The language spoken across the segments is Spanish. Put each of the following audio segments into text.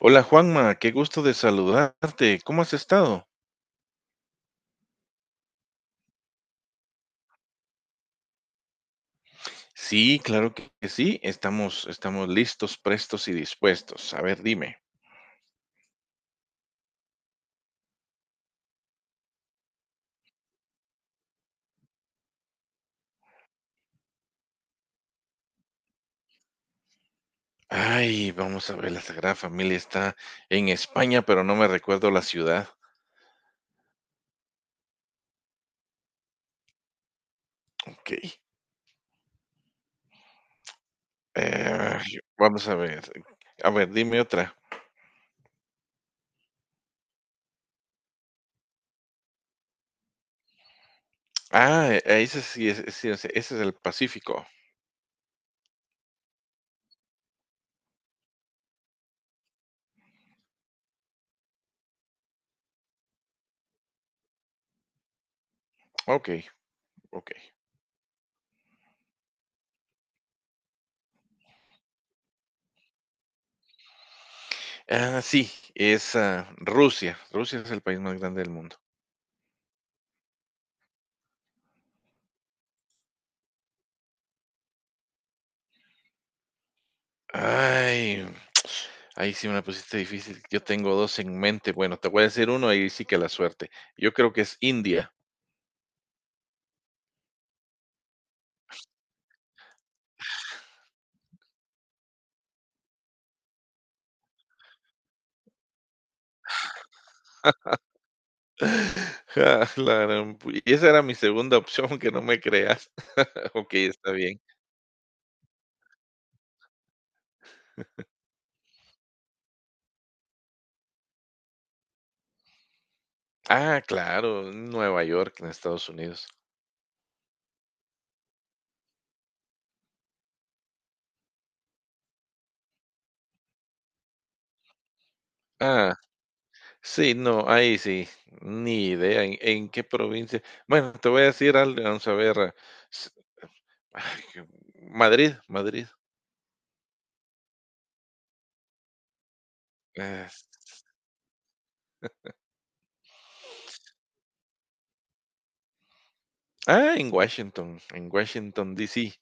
Hola Juanma, qué gusto de saludarte. ¿Cómo has estado? Sí, claro que sí. Estamos listos, prestos y dispuestos. A ver, dime. Ay, vamos a ver, la Sagrada Familia está en España, pero no me recuerdo la ciudad. Ok. eh, Vamos a ver. A ver, dime otra. Ah, ese sí es, sí, ese es el Pacífico. Ok, ok. Ah, sí, es Rusia. Rusia es el país más grande del mundo. Ay, ahí sí me la pusiste difícil. Yo tengo dos en mente. Bueno, te voy a decir uno y sí que la suerte. Yo creo que es India. Ah, y esa era mi segunda opción, que no me creas. Ok, está bien. Ah, claro, Nueva York, en Estados Unidos. Ah, sí, no, ahí sí, ni idea en qué provincia. Bueno, te voy a decir algo, vamos a ver. S- Ay, Madrid, Madrid. eh, en Washington, en Washington, D. C.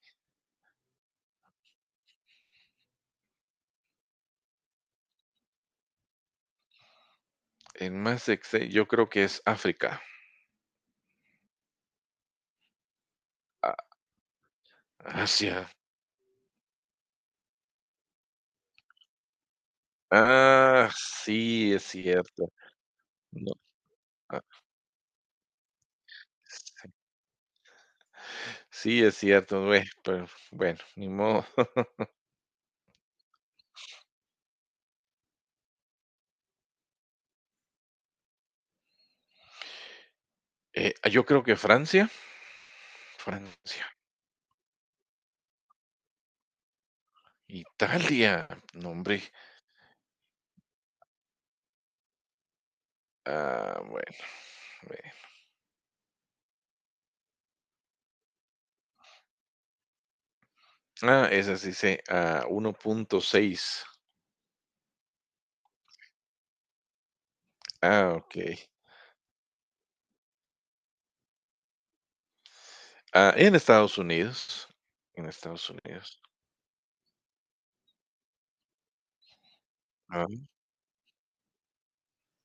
Yo creo que es África, a- Asia. Ah, sí, es cierto. No, ah, sí, es cierto, güey, pero bueno, ni modo. Yo creo que Francia, Francia, Italia, no, hombre. Ah, bueno. Bueno. Ah, esa sí se 1.6. Ah, okey. Ah, en Estados Unidos, en Estados Unidos. Ah,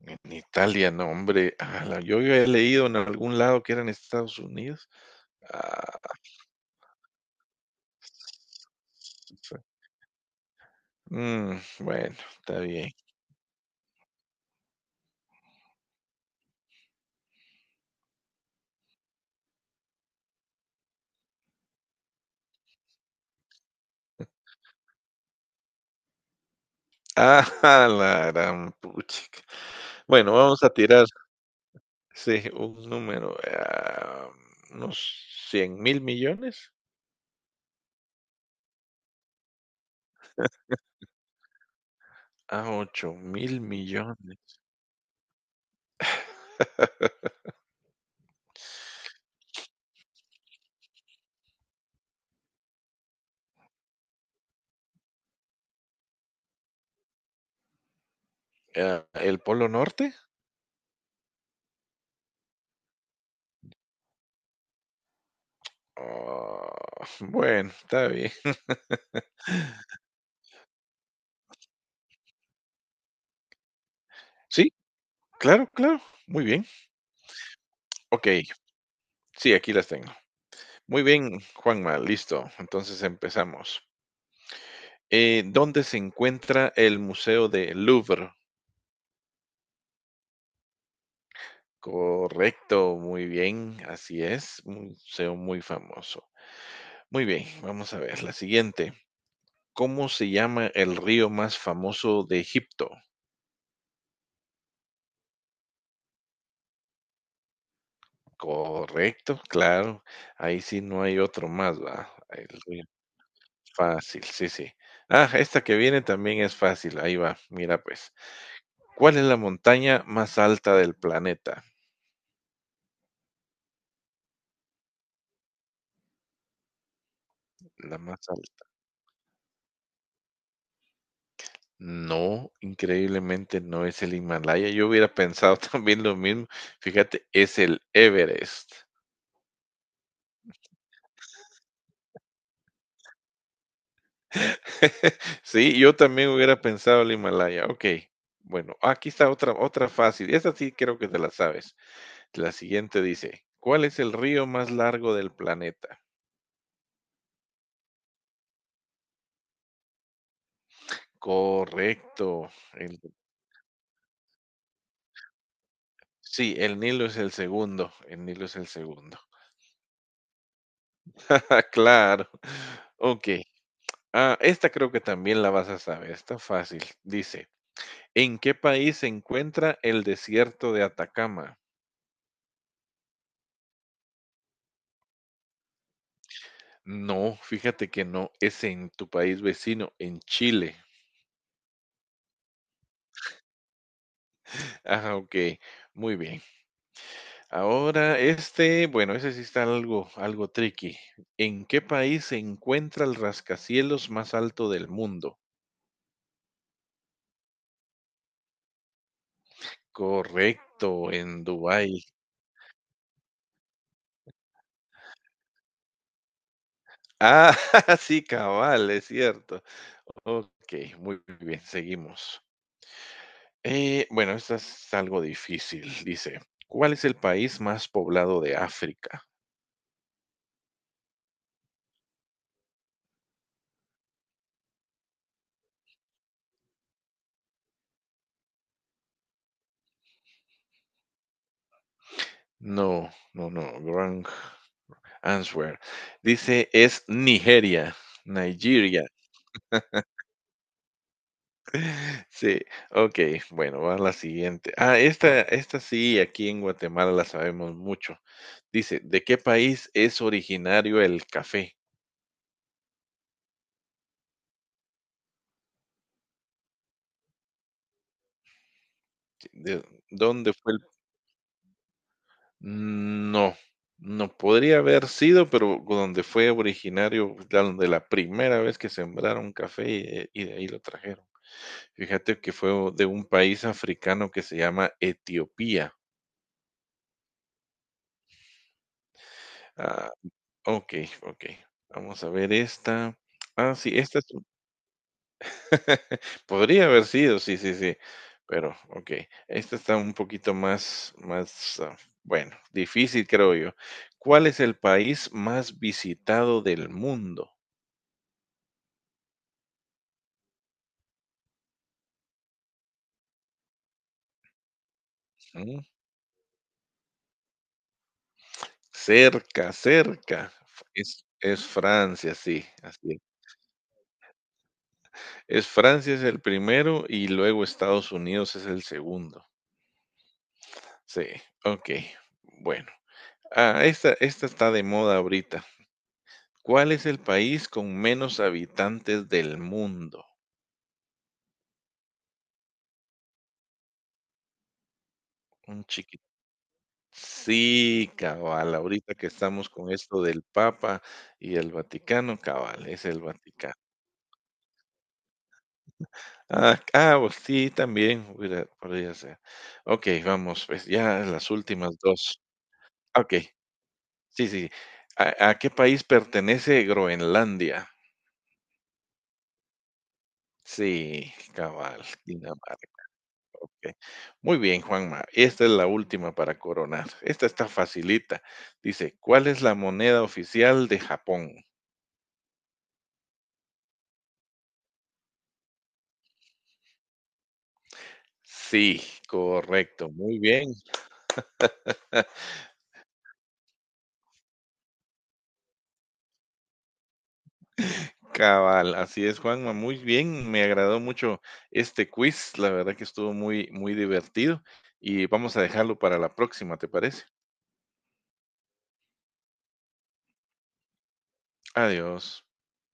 en Italia, no, hombre, ala, yo había leído en algún lado que era en Estados Unidos. Ah, sí. Mm, bueno, está bien. Ah, la gran puchica. Bueno, vamos a tirar, sí, un número, unos 100 mil millones. Ah, 8 mil millones. Ah, ¿el Polo Norte? Ah, bueno, está bien. Sí, claro, claro. Muy bien. Ok, sí, aquí las tengo. Muy bien, Juanma, listo. Entonces empezamos. ¿Dónde se encuentra el Museo del Louvre? Correcto, muy bien, así es. Un Museo muy famoso. Muy bien, vamos a ver la siguiente. ¿Cómo se llama el río más famoso de Egipto? Correcto, claro. Ahí sí no hay otro más, ¿va? Fácil, sí, sí. Ah, esta que viene también es fácil. Ahí va, mira pues. ¿Cuál es la montaña más alta del planeta? La más alta. No, increíblemente no es el Himalaya. Yo hubiera pensado también lo mismo. Fíjate, es el Everest. Sí, yo también hubiera pensado el Himalaya. Ok. Bueno, aquí está otra, otra fácil. Esta sí creo que te la sabes. La siguiente dice, ¿cuál es el río más largo del planeta? Correcto, el. Sí, el Nilo es el segundo, el Nilo es el segundo. Claro. Ok. Ah, esta creo que también la vas a saber, está fácil. Dice, ¿en qué país se encuentra el desierto de Atacama? No, fíjate que no, es en tu país vecino, en Chile. Ah, ok, muy bien. Ahora este, bueno, ese sí está algo, algo tricky. ¿En qué país se encuentra el rascacielos más alto del mundo? Correcto, en Dubái. Ah, sí, cabal, es cierto. Ok, muy bien, seguimos. Bueno, esta es algo difícil. Dice, ¿cuál es el país más poblado de África? No, no, no, wrong answer. Dice, es Nigeria, Nigeria. Sí, ok, bueno, va la siguiente. Ah, esta sí, aquí en Guatemala la sabemos mucho. Dice, ¿de qué país es originario el café? ¿De dónde fue el...? Mm, no, no podría haber sido, pero donde fue originario, donde la primera vez que sembraron café y de ahí lo trajeron. Fíjate que fue de un país africano que se llama Etiopía. Ah, ok, ok. Vamos a ver esta. Ah, sí, esta es. Podría haber sido, sí, sí, sí. Pero, okey. Esta está un poquito más más, bueno, difícil, creo yo. ¿Cuál es el país más visitado del mundo? Mm, cerca, cerca. Es Francia, sí, así es. Es Francia es el primero y luego Estados Unidos es el segundo. Sí, okey. Bueno, esta está de moda ahorita. ¿Cuál es el país con menos habitantes del mundo? Un chiqui, sí, cabal, ahorita que estamos con esto del Papa y el Vaticano, cabal, es el Vaticano. Pues sí, también hubiera podría ser. Okey, vamos, pues, ya las últimas dos. Okey, sí, sí. ¿A qué país pertenece Groenlandia? Sí, cabal, Dinamarca. Muy bien, Juanma, esta es la última para coronar. Esta está facilita. Dice, ¿cuál es la moneda oficial de Japón? Sí, correcto, muy bien, cabal, así es, Juanma, muy bien, me agradó mucho este quiz, la verdad que estuvo muy, muy divertido y vamos a dejarlo para la próxima, ¿te parece? Adiós.